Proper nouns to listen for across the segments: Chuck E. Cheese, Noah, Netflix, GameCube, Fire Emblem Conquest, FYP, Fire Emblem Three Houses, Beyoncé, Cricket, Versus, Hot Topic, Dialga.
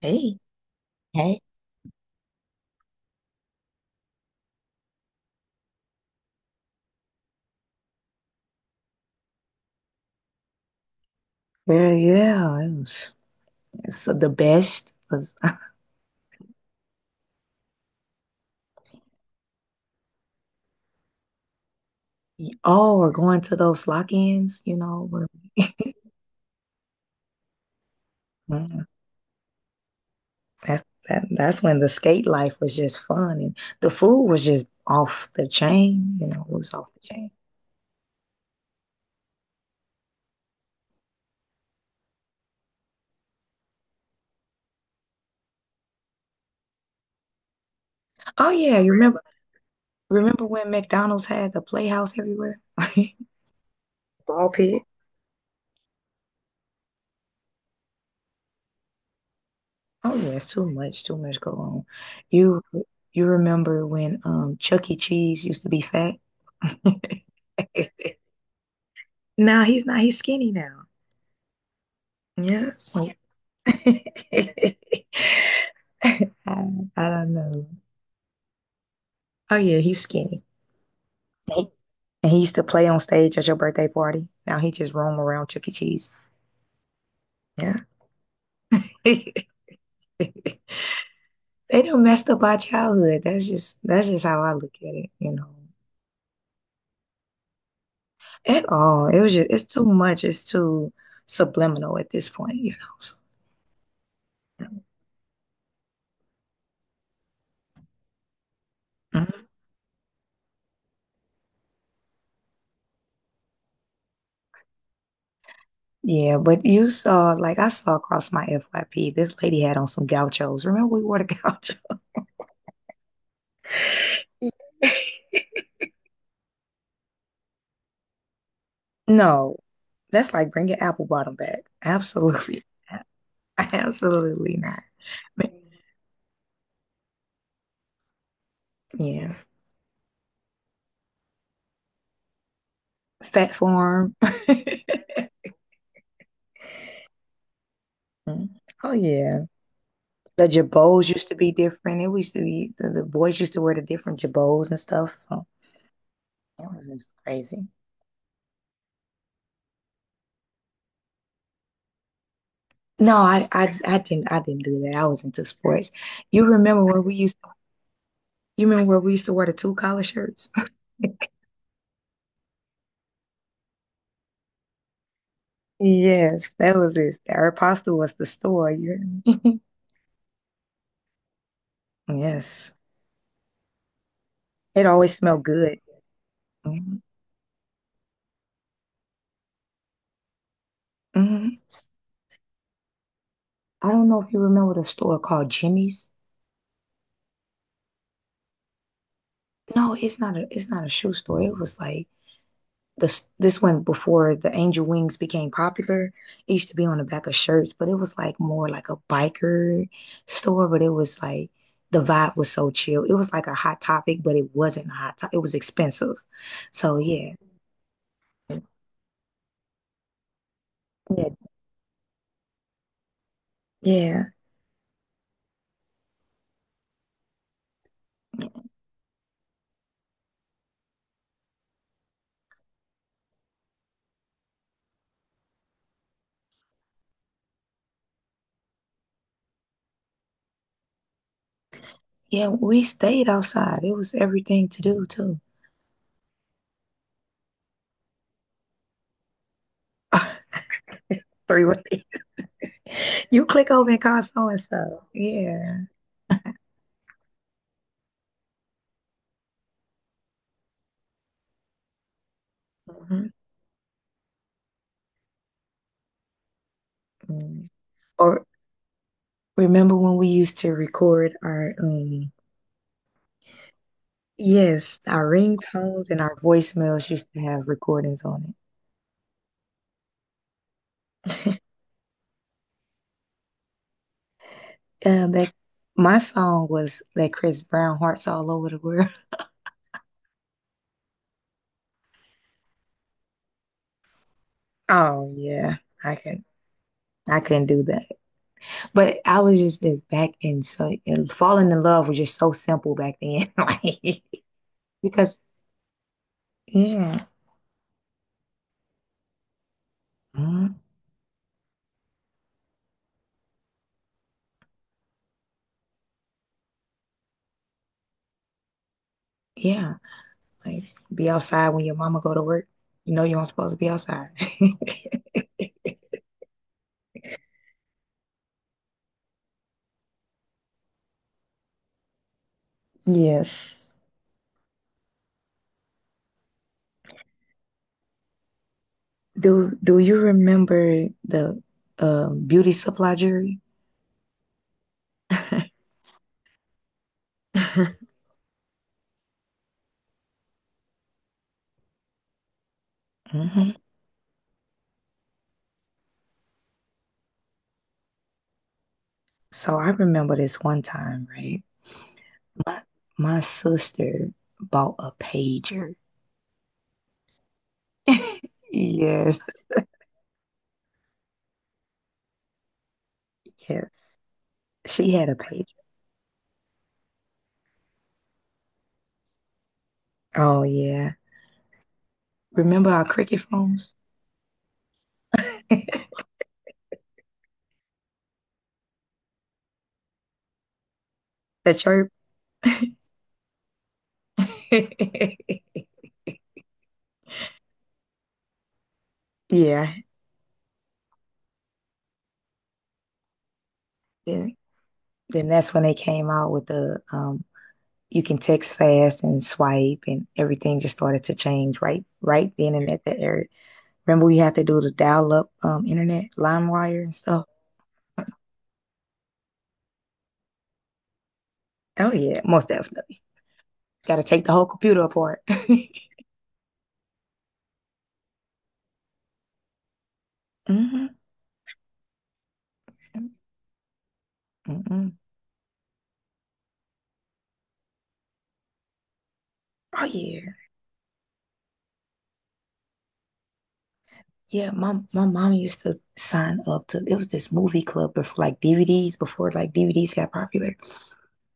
Hey, hey, where's was all going to those lock-ins, you know, where mm, that's that's when the skate life was just fun and the food was just off the chain, you know, it was off the chain. Oh yeah, you remember when McDonald's had the playhouse everywhere? Ball pit. Oh yeah, it's too much go on. You you remember when Chuck E. Cheese used to be fat? No, he's not, he's skinny now. Yeah. I, I don't know. Oh yeah, he's skinny. He- And he used to play on stage at your birthday party. Now he just roam around Chuck E. Cheese. Yeah. They done messed up our childhood. That's just how I look at it, you know. At all. It was just It's too much. It's too subliminal at this point, you know. So, mhm. Yeah, but you saw like I saw across my FYP, this lady had on some gauchos. Remember we wore the gauchos? No, that's like bringing apple bottom back. Absolutely not. Absolutely not. Ma- Yeah. Fat farm. Mm. Oh yeah. The jabos used to be different. It used to be the boys used to wear the different jabos and stuff. So it was just crazy. No, I didn't do that. I was into sports. You remember where we used you remember where we used to wear the two collar shirts? Yes, that was it. Our apostle was the store. You heard me? Yes. It always smelled good. Mhm. Mhm. I don't know if you remember the store called Jimmy's. No, it's not a shoe store. It was like this one before the angel wings became popular. It used to be on the back of shirts, but it was like more like a biker store, but it was like the vibe was so chill. It was like a hot topic, but it wasn't a hot topic. It was expensive. So yeah. Yeah. Yeah. Yeah, we stayed outside. It was everything to do too. Three way. You click over and call so and so. Yeah. Mhm. Mm. Or remember when we used to record our yes, our ringtones and our voicemails used to have recordings on it. That My song was that Chris Brown Hearts All Over the World. Oh yeah. I can I couldn't do that. But I was just back in so and falling in love was just so simple back then. like because yeah. Mhm. Yeah. Like be outside when your mama go to work. You know you aren't supposed to be outside. Yes. Do you remember the beauty supply jury? Hmm. So I remember this one time, right? My my sister bought a pager. Yes, yes. She had a pager. Oh yeah. Remember our cricket phones? The chirp? Yeah. Yeah. Then that's when they came out with the you can text fast and swipe, and everything just started to change right then and at that area. Remember, we had to do the dial up internet, line wire and stuff. Oh yeah, most definitely. Got to take the whole computer apart. Hmm. Mm-mm. Oh yeah, yeah. My mom used to sign up to. It was this movie club before like DVDs. Before like DVDs got popular,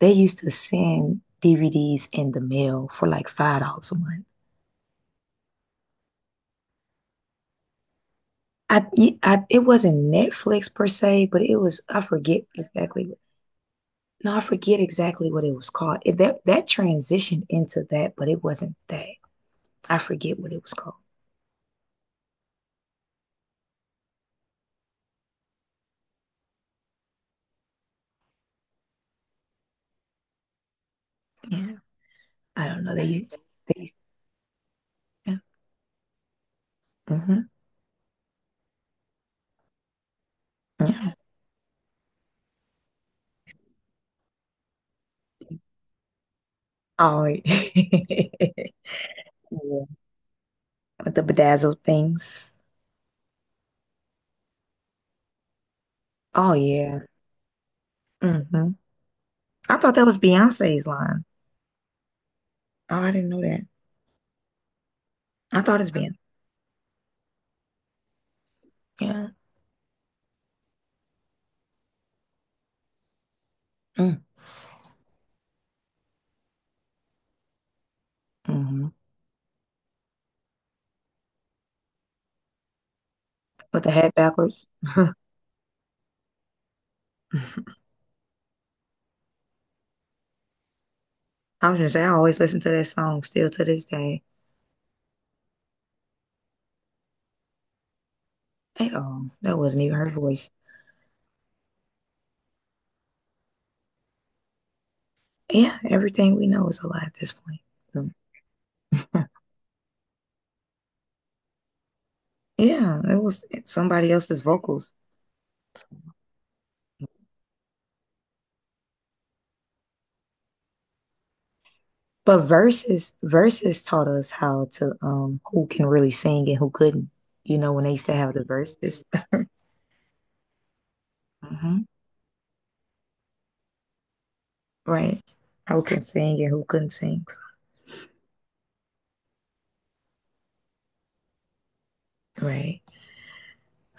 they used to send DVDs in the mail for like $5 a month. I, I it wasn't Netflix per se, but it was I forget exactly. No, I forget exactly what it was called. That transitioned into that, but it wasn't that. I forget what it was called. Yeah, I don't know. They, u- they yeah, hmm yeah. Oh, yeah. With the bedazzled things. Oh yeah. Hmm. I thought that was Beyonce's line. Oh, I didn't know that. I thought it's Beyonce. Yeah. Mm-hmm. Mm-hmm. With the hat backwards. I was gonna say I always listen to that song still to this day. Hey, oh, that wasn't even her voice. Yeah, everything we know is a lie at this point. Mm. Yeah, it was somebody else's vocals. But Versus taught us how to who can really sing and who couldn't. You know, when they used to have the verses. Hmm. Right. Who can sing and who couldn't sing. Right.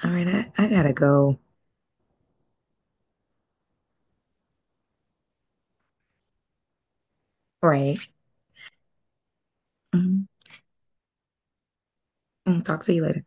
All right, I gotta go. Right. Mhm. Mm, talk to you later.